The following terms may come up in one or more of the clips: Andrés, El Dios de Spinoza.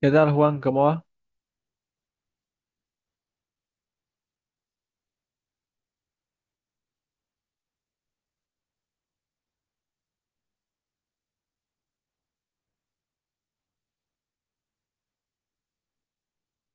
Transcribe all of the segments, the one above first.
¿Qué tal, Juan? ¿Cómo va?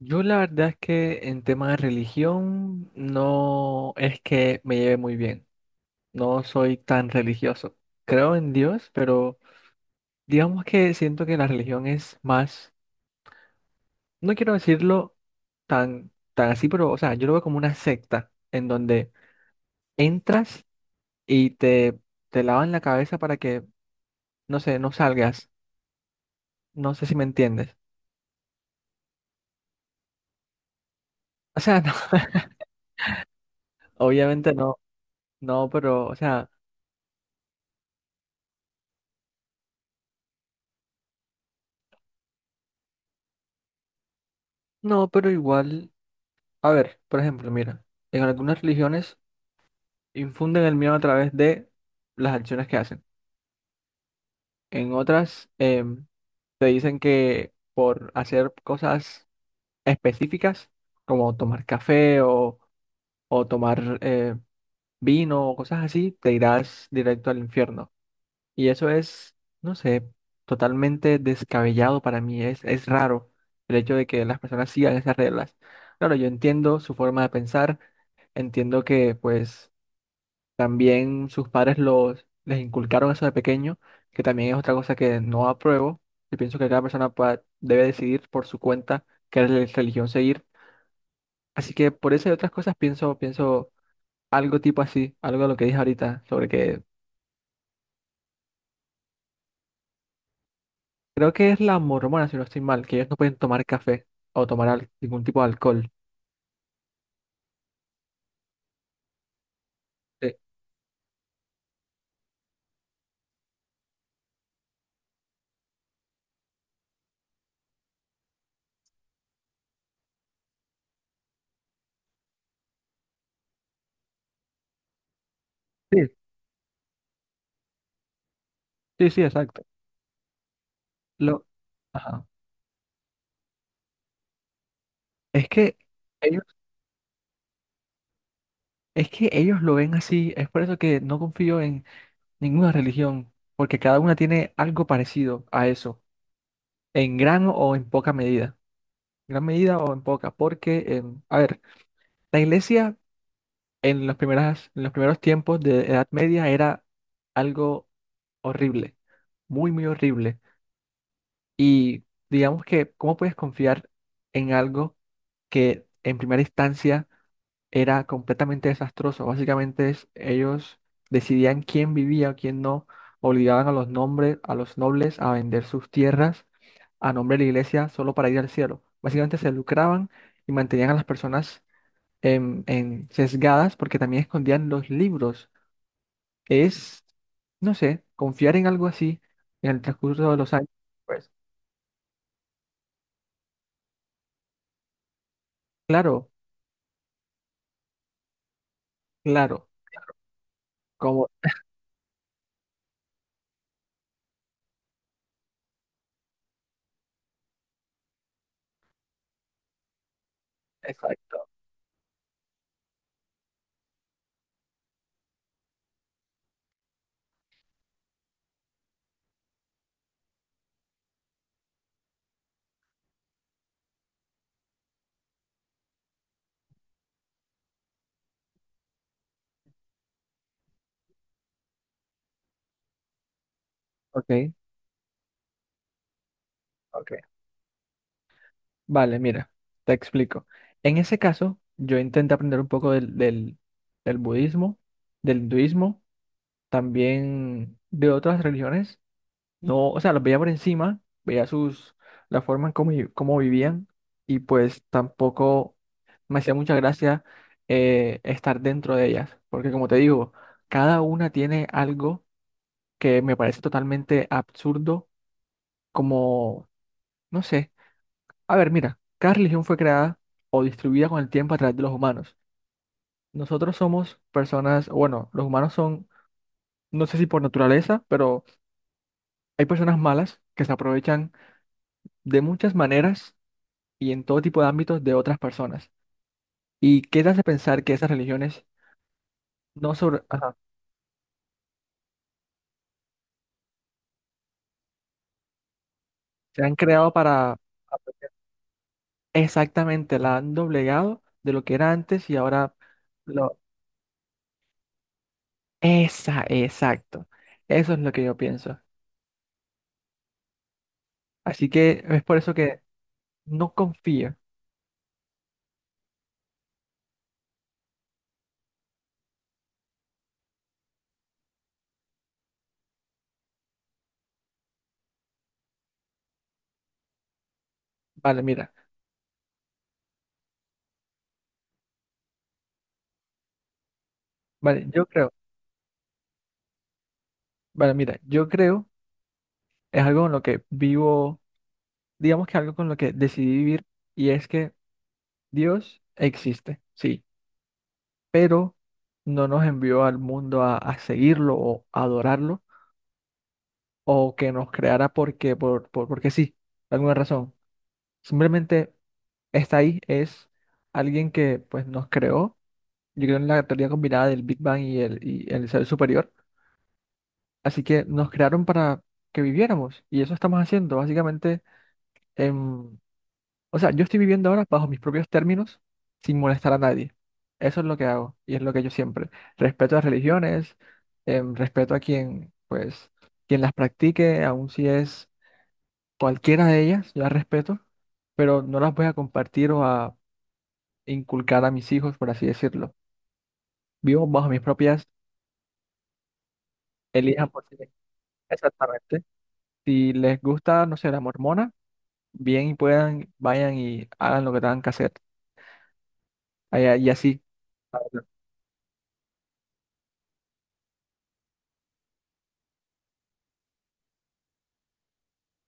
Yo la verdad es que en tema de religión no es que me lleve muy bien. No soy tan religioso. Creo en Dios, pero digamos que siento que la religión es más, no quiero decirlo tan así, pero o sea, yo lo veo como una secta en donde entras y te lavan la cabeza para que, no sé, no salgas. No sé si me entiendes. O sea, no, obviamente no, no, pero, o sea, no, pero igual. A ver, por ejemplo, mira, en algunas religiones infunden el miedo a través de las acciones que hacen. En otras te dicen que por hacer cosas específicas, como tomar café o tomar vino o cosas así, te irás directo al infierno. Y eso es, no sé, totalmente descabellado para mí. Es raro el hecho de que las personas sigan esas reglas. Claro, yo entiendo su forma de pensar, entiendo que pues también sus les inculcaron eso de pequeño, que también es otra cosa que no apruebo. Yo pienso que cada persona debe decidir por su cuenta qué religión seguir. Así que por eso y otras cosas pienso algo tipo así, algo de lo que dije ahorita, sobre que creo que es la mormona, si no estoy mal, que ellos no pueden tomar café o tomar ningún tipo de alcohol. Eh, Sí, sí, sí, exacto. Lo, ajá. Es que ellos, es que ellos lo ven así, es por eso que no confío en ninguna religión, porque cada una tiene algo parecido a eso, en gran o en poca medida. Gran medida o en poca, porque, a ver, la iglesia en en los primeros tiempos de Edad Media era algo horrible, muy horrible. Y digamos que, ¿cómo puedes confiar en algo que en primera instancia era completamente desastroso? Básicamente ellos decidían quién vivía o quién no, obligaban a los a los nobles a vender sus tierras a nombre de la iglesia solo para ir al cielo. Básicamente se lucraban y mantenían a las personas en sesgadas porque también escondían los libros. Es, no sé, confiar en algo así en el transcurso de los años. Pues claro, claro, como, exacto, ok, ok. Vale, mira, te explico. En ese caso, yo intenté aprender un poco del budismo, del hinduismo, también de otras religiones. No, o sea, los veía por encima, veía sus, la forma en cómo vivían y pues tampoco me hacía mucha gracia estar dentro de ellas, porque como te digo, cada una tiene algo que me parece totalmente absurdo, como, no sé. A ver, mira, cada religión fue creada o distribuida con el tiempo a través de los humanos. Nosotros somos personas, o bueno, los humanos son, no sé si por naturaleza, pero hay personas malas que se aprovechan de muchas maneras y en todo tipo de ámbitos de otras personas. ¿Y qué te hace pensar que esas religiones no sobre, ajá, se han creado para exactamente, la han doblegado de lo que era antes y ahora lo... Esa, exacto. Eso es lo que yo pienso. Así que es por eso que no confío. Vale, mira, vale, yo creo, vale, mira, yo creo es algo con lo que vivo, digamos que algo con lo que decidí vivir y es que Dios existe, sí, pero no nos envió al mundo a seguirlo o adorarlo o que nos creara porque, porque sí, por alguna razón. Simplemente está ahí, es alguien que pues nos creó, yo creo en la teoría combinada del Big Bang y y el ser superior, así que nos crearon para que viviéramos y eso estamos haciendo, básicamente em, o sea, yo estoy viviendo ahora bajo mis propios términos, sin molestar a nadie. Eso es lo que hago y es lo que yo siempre. Respeto las religiones, respeto a quien, pues, quien las practique, aun si es cualquiera de ellas, yo las respeto, pero no las voy a compartir o a inculcar a mis hijos, por así decirlo. Vivo bajo mis propias, elijan por sí mismos. Exactamente. Si les gusta, no sé, la mormona, bien y puedan, vayan y hagan lo que tengan que hacer. Ay- Y así.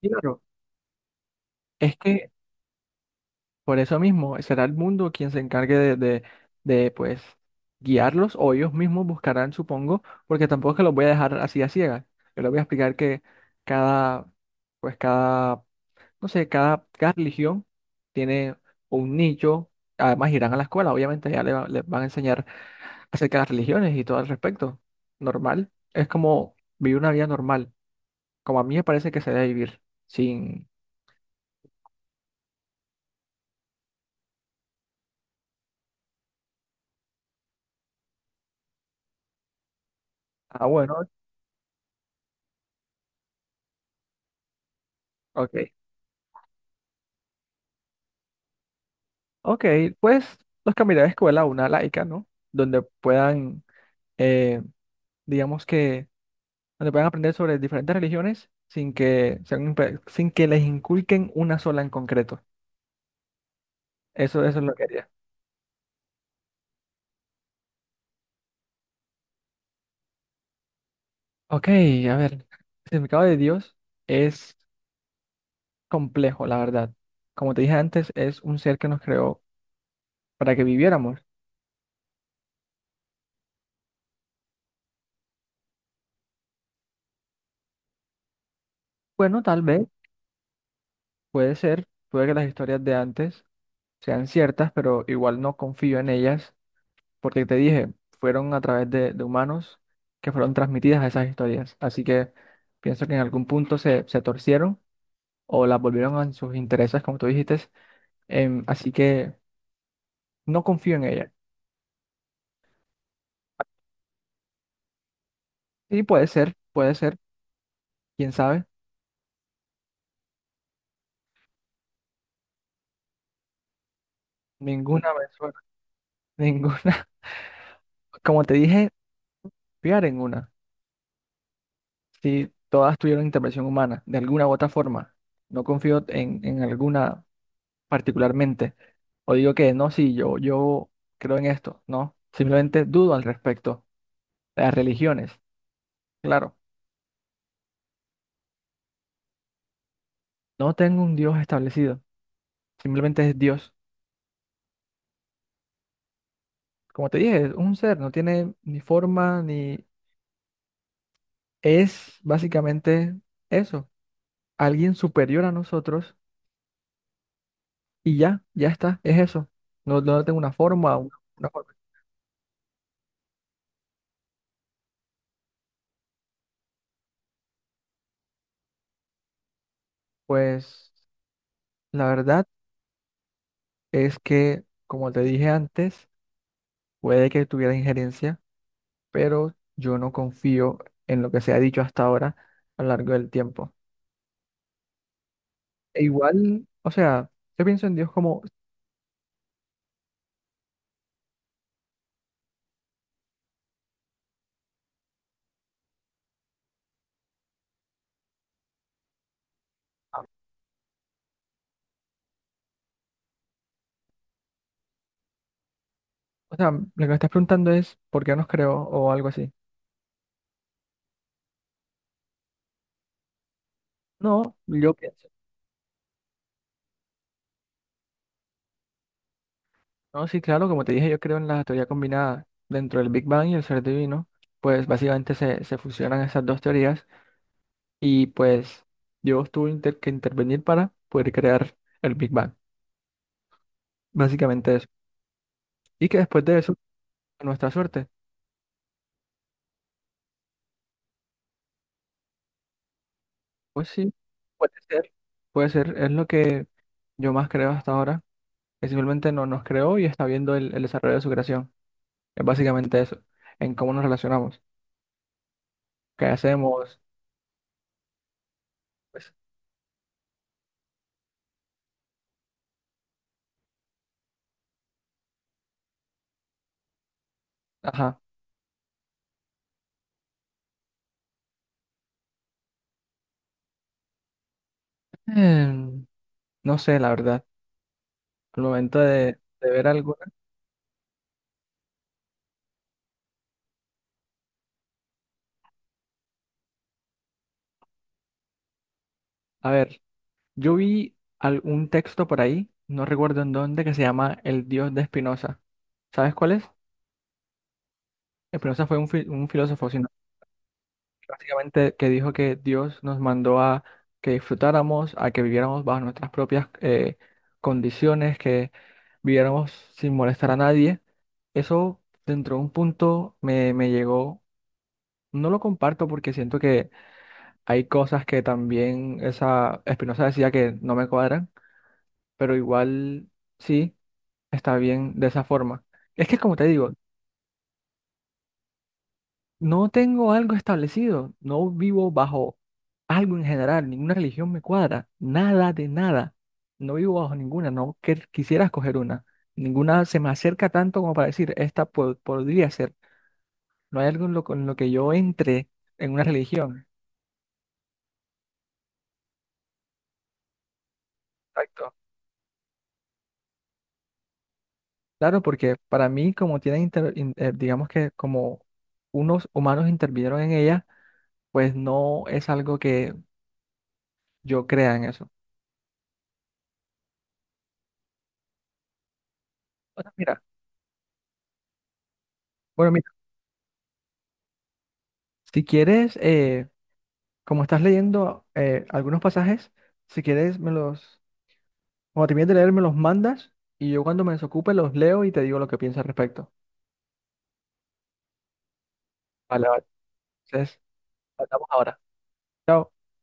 Claro. Es que por eso mismo será el mundo quien se encargue de pues guiarlos o ellos mismos buscarán, supongo, porque tampoco es que los voy a dejar así a ciegas. Yo les voy a explicar que cada, pues cada, no sé, cada religión tiene un nicho. Además irán a la escuela, obviamente ya les van a enseñar acerca de las religiones y todo al respecto. Normal. Es como vivir una vida normal, como a mí me parece que se debe vivir, sin... Ah, bueno, ok. Ok, pues los cambiaré de escuela a una laica, ¿no? Donde puedan, eh, digamos que, donde puedan aprender sobre diferentes religiones sin que, sin que les inculquen una sola en concreto. Eso es lo que haría. Ok, a ver, el significado de Dios es complejo, la verdad. Como te dije antes, es un ser que nos creó para que viviéramos. Bueno, tal vez, puede ser, puede que las historias de antes sean ciertas, pero igual no confío en ellas porque te dije, fueron a través de humanos que fueron transmitidas esas historias. Así que pienso que en algún se torcieron o las volvieron a sus intereses, como tú dijiste. Así que no confío en ella. Y puede ser, quién sabe. Ninguna me suena, ninguna. Como te dije, fiar en una. Si todas tuvieron intervención humana, de alguna u otra forma. No confío en alguna particularmente. O digo que no, sí, yo creo en esto, no. Simplemente dudo al respecto. Las religiones, claro, no tengo un Dios establecido, simplemente es Dios. Como te dije, es un ser, no tiene ni forma ni... Es básicamente eso, alguien superior a nosotros y ya, ya está, es eso. No, no tengo una forma, una forma. Pues la verdad es que, como te dije antes, puede que tuviera injerencia pero yo no confío en lo que se ha dicho hasta ahora a lo largo del tiempo. E igual, o sea, yo pienso en Dios como, o sea, lo que me estás preguntando es por qué nos creó o algo así. No, yo pienso. No, sí, claro, como te dije, yo creo en la teoría combinada dentro del Big Bang y el ser divino, pues básicamente se fusionan esas dos teorías y pues Dios tuvo que intervenir para poder crear el Big Bang. Básicamente eso. Y que después de eso, a nuestra suerte. Pues sí, puede ser. Puede ser, es lo que yo más creo hasta ahora, que simplemente no nos creó y está viendo el desarrollo de su creación. Es básicamente eso, en cómo nos relacionamos, qué hacemos, pues, ajá. Em, no sé, la verdad, al momento de ver alguna. A ver, yo vi algún texto por ahí, no recuerdo en dónde, que se llama El Dios de Spinoza. ¿Sabes cuál es? Spinoza fue un filósofo, si no básicamente que dijo que Dios nos mandó a que disfrutáramos, a que viviéramos bajo nuestras propias condiciones, que viviéramos sin molestar a nadie. Eso dentro de un punto me llegó. No lo comparto porque siento que hay cosas que también esa Espinosa decía que no me cuadran, pero igual sí está bien de esa forma. Es que como te digo, no tengo algo establecido, no vivo bajo algo en general, ninguna religión me cuadra, nada de nada. No vivo bajo ninguna, no que- quisiera escoger una. Ninguna se me acerca tanto como para decir, esta podría ser. No hay algo en lo, con lo que yo entre en una religión. Exacto. Claro, porque para mí, como digamos que como unos humanos intervinieron en ella, pues no es algo que yo crea en eso. O mira, bueno, mira, si quieres... Como estás leyendo algunos pasajes, si quieres cuando termines de leer, me los mandas y yo cuando me desocupe los leo y te digo lo que pienso al respecto. Vale. Entonces, hablamos ahora. Chao.